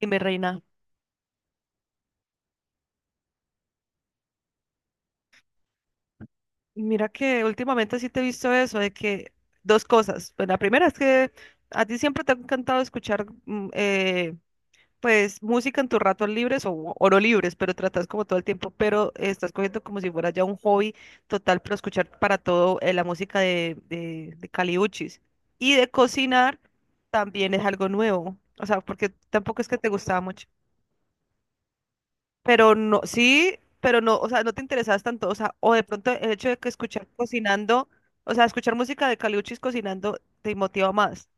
Y mi reina, mira que últimamente sí te he visto eso, de que dos cosas. Pues la primera es que a ti siempre te ha encantado escuchar pues música en tus ratos libres o no libres, pero tratas como todo el tiempo, pero estás cogiendo como si fuera ya un hobby total, pero escuchar para todo la música de Caliuchis. Y de cocinar también es algo nuevo, o sea, porque tampoco es que te gustaba mucho. Pero no, sí, pero no, o sea, no te interesabas tanto, o sea, o de pronto el hecho de que escuchar cocinando, o sea, escuchar música de Caliuchis cocinando te motiva más.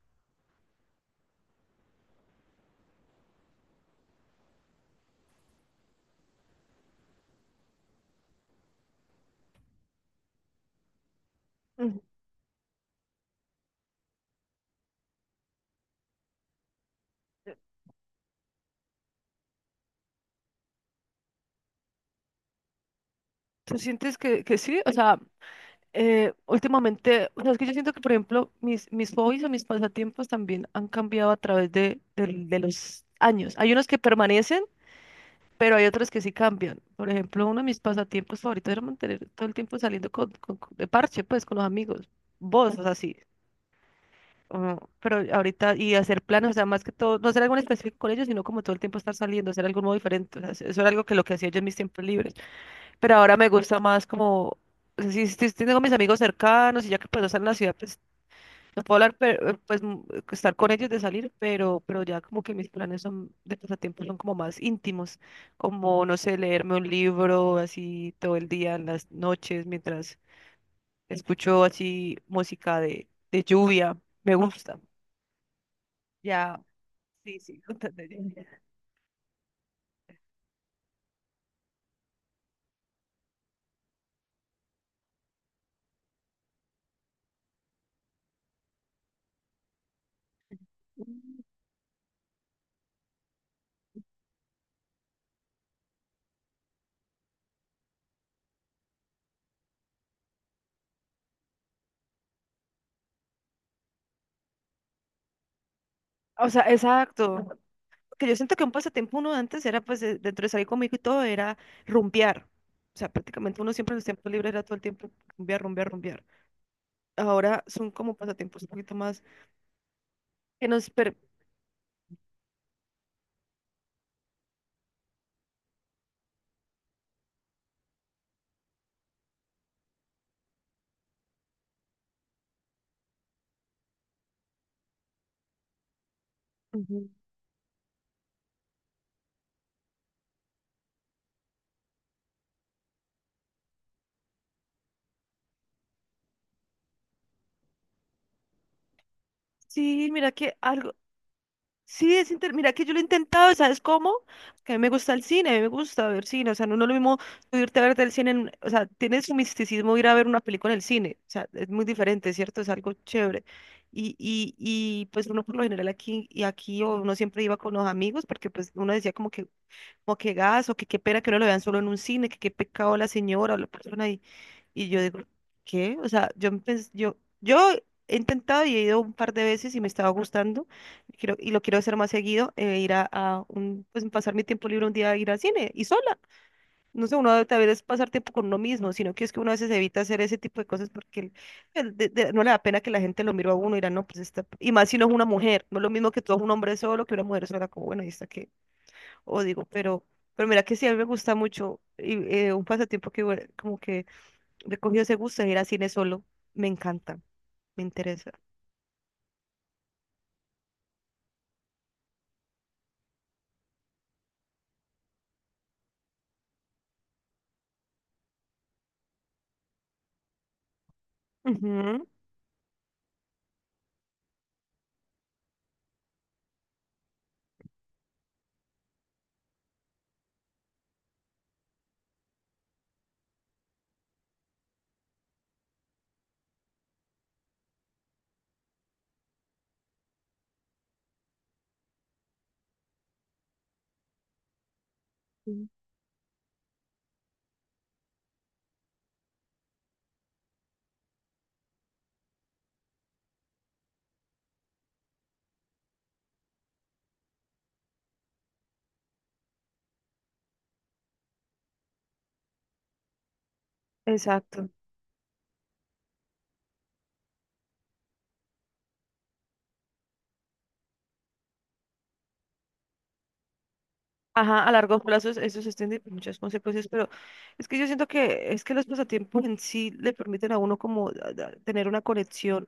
Ujú. ¿Tú sientes que sí? O sea, últimamente, o sea, es que yo siento que, por ejemplo, mis hobbies o mis pasatiempos también han cambiado a través de los años. Hay unos que permanecen, pero hay otros que sí cambian. Por ejemplo, uno de mis pasatiempos favoritos era mantener todo el tiempo saliendo de parche, pues, con los amigos. Vos, o sea, sí. Ah, pero ahorita, y hacer planes, o sea, más que todo, no hacer algo en específico con ellos, sino como todo el tiempo estar saliendo, hacer algo nuevo diferente. O sea, eso era algo que lo que hacía yo en mis tiempos libres. Pero ahora me gusta más como, o sea, si tengo mis amigos cercanos y ya que puedo estar en la ciudad, pues no puedo hablar, pero, pues estar con ellos de salir, pero ya como que mis planes son de pasatiempos son como más íntimos, como, no sé, leerme un libro así todo el día, en las noches, mientras escucho así música de lluvia, me gusta. Ya. Sí, sí, totalmente. O sea, exacto. Que yo siento que un pasatiempo uno antes era, pues, dentro de salir conmigo y todo, era rumbear. O sea, prácticamente uno siempre en los tiempos libres era todo el tiempo rumbear, rumbear, rumbear. Ahora son como pasatiempos un poquito más que nos. Ujú. Sí, mira que algo. Sí, es mira que yo lo he intentado, ¿sabes cómo? Que a mí me gusta el cine, a mí me gusta ver cine, o sea, no, no es lo mismo tú irte a ver del cine, o sea, tiene su misticismo ir a ver una película en el cine, o sea, es muy diferente, ¿cierto? Es algo chévere. Y pues uno por lo general aquí y aquí o uno siempre iba con los amigos porque pues uno decía como que, gas o que qué pena que no lo vean solo en un cine, que qué pecado la señora o la persona y yo digo, ¿qué? O sea, yo he intentado y he ido un par de veces y me estaba gustando. Quiero, y lo quiero hacer más seguido, ir a un, pues pasar mi tiempo libre un día a ir al cine y sola. No sé, uno también es pasar tiempo con uno mismo, sino que es que uno a veces evita hacer ese tipo de cosas porque no le da pena que la gente lo mire a uno y dirá, no, pues está, y más si no es una mujer, no es lo mismo que todo un hombre solo, que una mujer sola, como bueno, y está que, o digo, pero mira que sí, a mí me gusta mucho y, un pasatiempo que bueno, como que le cogió ese gusto de ir a cine solo. Me encanta, me interesa. Ujú, sí, exacto. Ajá, a largo plazo eso se extiende por muchas consecuencias, pero es que yo siento que es que los pasatiempos en sí le permiten a uno como a tener una conexión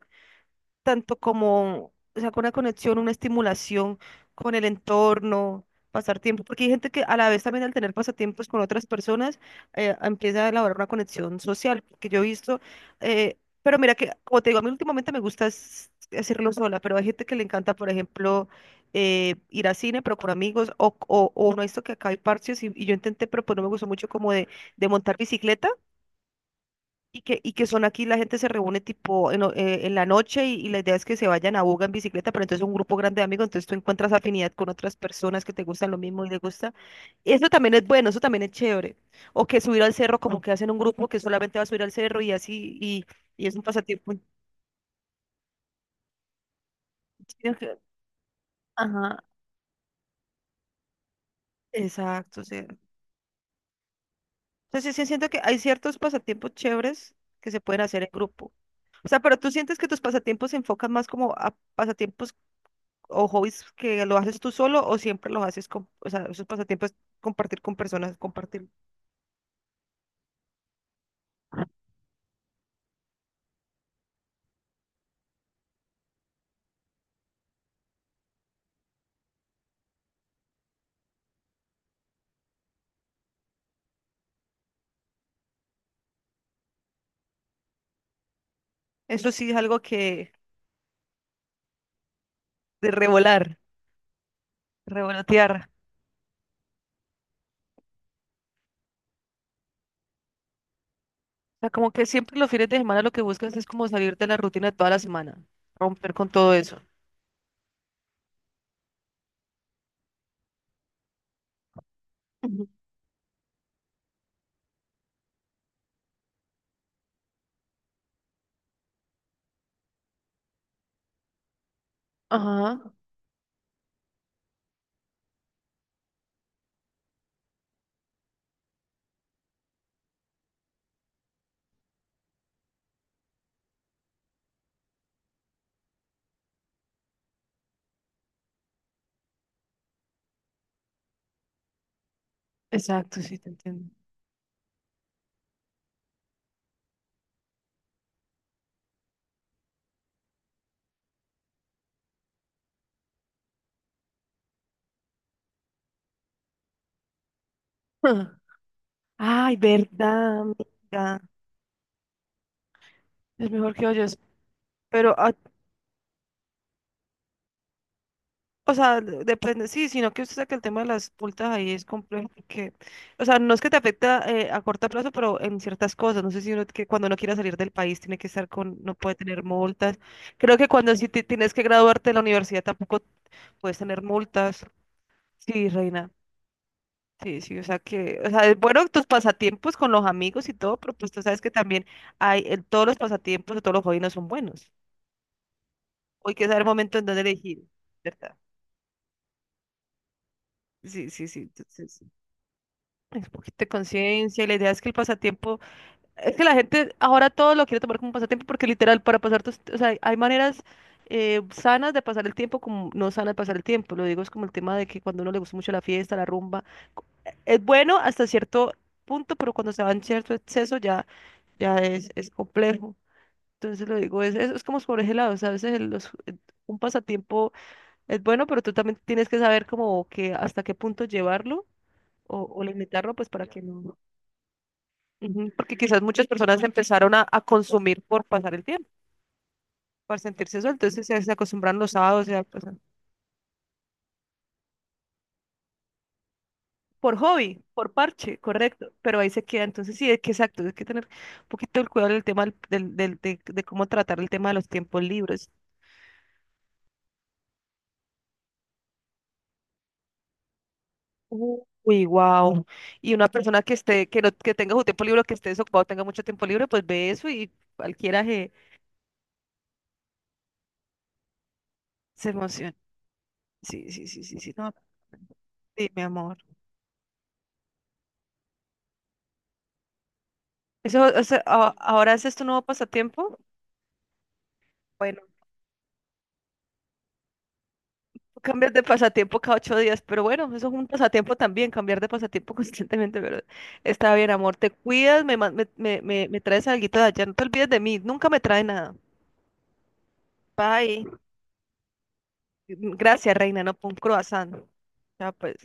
tanto como, o sea, con una conexión, una estimulación con el entorno, pasar tiempo, porque hay gente que a la vez también al tener pasatiempos con otras personas, empieza a elaborar una conexión social, que yo he visto, eh, pero mira que, como te digo, a mí últimamente me gusta hacerlo sola, pero hay gente que le encanta, por ejemplo, ir a cine, pero con amigos, o no, esto que acá hay parches, y yo intenté, pero pues no me gustó mucho como de montar bicicleta, y que son aquí, la gente se reúne tipo en, en la noche y la idea es que se vayan a Buga en bicicleta, pero entonces es un grupo grande de amigos, entonces tú encuentras afinidad con otras personas que te gustan lo mismo y les gusta. Eso también es bueno, eso también es chévere. O que subir al cerro, como que hacen un grupo que solamente va a subir al cerro y así, y es un pasatiempo. Chido. Ajá, exacto. O sea, entonces sí siento que hay ciertos pasatiempos chéveres que se pueden hacer en grupo. O sea, pero tú sientes que tus pasatiempos se enfocan más como a pasatiempos o hobbies que lo haces tú solo o siempre los haces con, o sea, esos pasatiempos compartir con personas, compartir. Eso sí es algo que de revolar, revolotear. O sea, como que siempre los fines de semana lo que buscas es como salir de la rutina de toda la semana, romper con todo eso. Ujú. Ajá, exacto, sí, te entiendo. Ay, verdad, amiga. Es mejor que oyes. Pero. O sea, depende, sí, sino que usted saca el tema de las multas ahí es complejo porque, o sea, no es que te afecta a corto plazo, pero en ciertas cosas, no sé si uno que cuando no quiera salir del país tiene que estar con, no puede tener multas. Creo que cuando sí tienes que graduarte de la universidad tampoco puedes tener multas. Sí, reina. Sí, sí, o sea que, o sea, es bueno tus pasatiempos con los amigos y todo, pero pues tú sabes que también hay, todos los pasatiempos de todos los jóvenes son buenos. Hoy que saber el momento en donde elegir, ¿verdad? Sí, sí, sí. Entonces, es un poquito de conciencia y la idea es que el pasatiempo, es que la gente ahora todo lo quiere tomar como un pasatiempo porque literal para pasar tus, o sea, hay maneras sanas de pasar el tiempo como no sanas de pasar el tiempo. Lo digo es como el tema de que cuando a uno le gusta mucho la fiesta, la rumba, co- es bueno hasta cierto punto, pero cuando se va en cierto exceso ya es, complejo. Entonces lo digo, es como por ese lado, o sea, a veces un pasatiempo es bueno, pero tú también tienes que saber como que hasta qué punto llevarlo o limitarlo pues para que no. Ujú. Porque quizás muchas personas empezaron a consumir por pasar el tiempo, para sentirse sol, entonces se acostumbraron los sábados, ya, pues, por hobby, por parche, correcto, pero ahí se queda, entonces sí, es que exacto, hay que tener un poquito el cuidado del tema de cómo tratar el tema de los tiempos libres. Uy, wow. Y una persona que esté, que no, que tenga su tiempo libre, que esté desocupado, tenga mucho tiempo libre, pues ve eso y cualquiera se, emociona. Sí, sí, sí, sí, sí, no, sí, mi amor. Eso, o sea, ahora ese es tu nuevo pasatiempo. Bueno. Cambias de pasatiempo cada 8 días, pero bueno, eso es un pasatiempo también, cambiar de pasatiempo constantemente, pero está bien, amor, te cuidas, me, man- me traes algo de allá, no te olvides de mí, nunca me trae nada. Bye. Gracias, reina, no, por un croissant. Ya pues.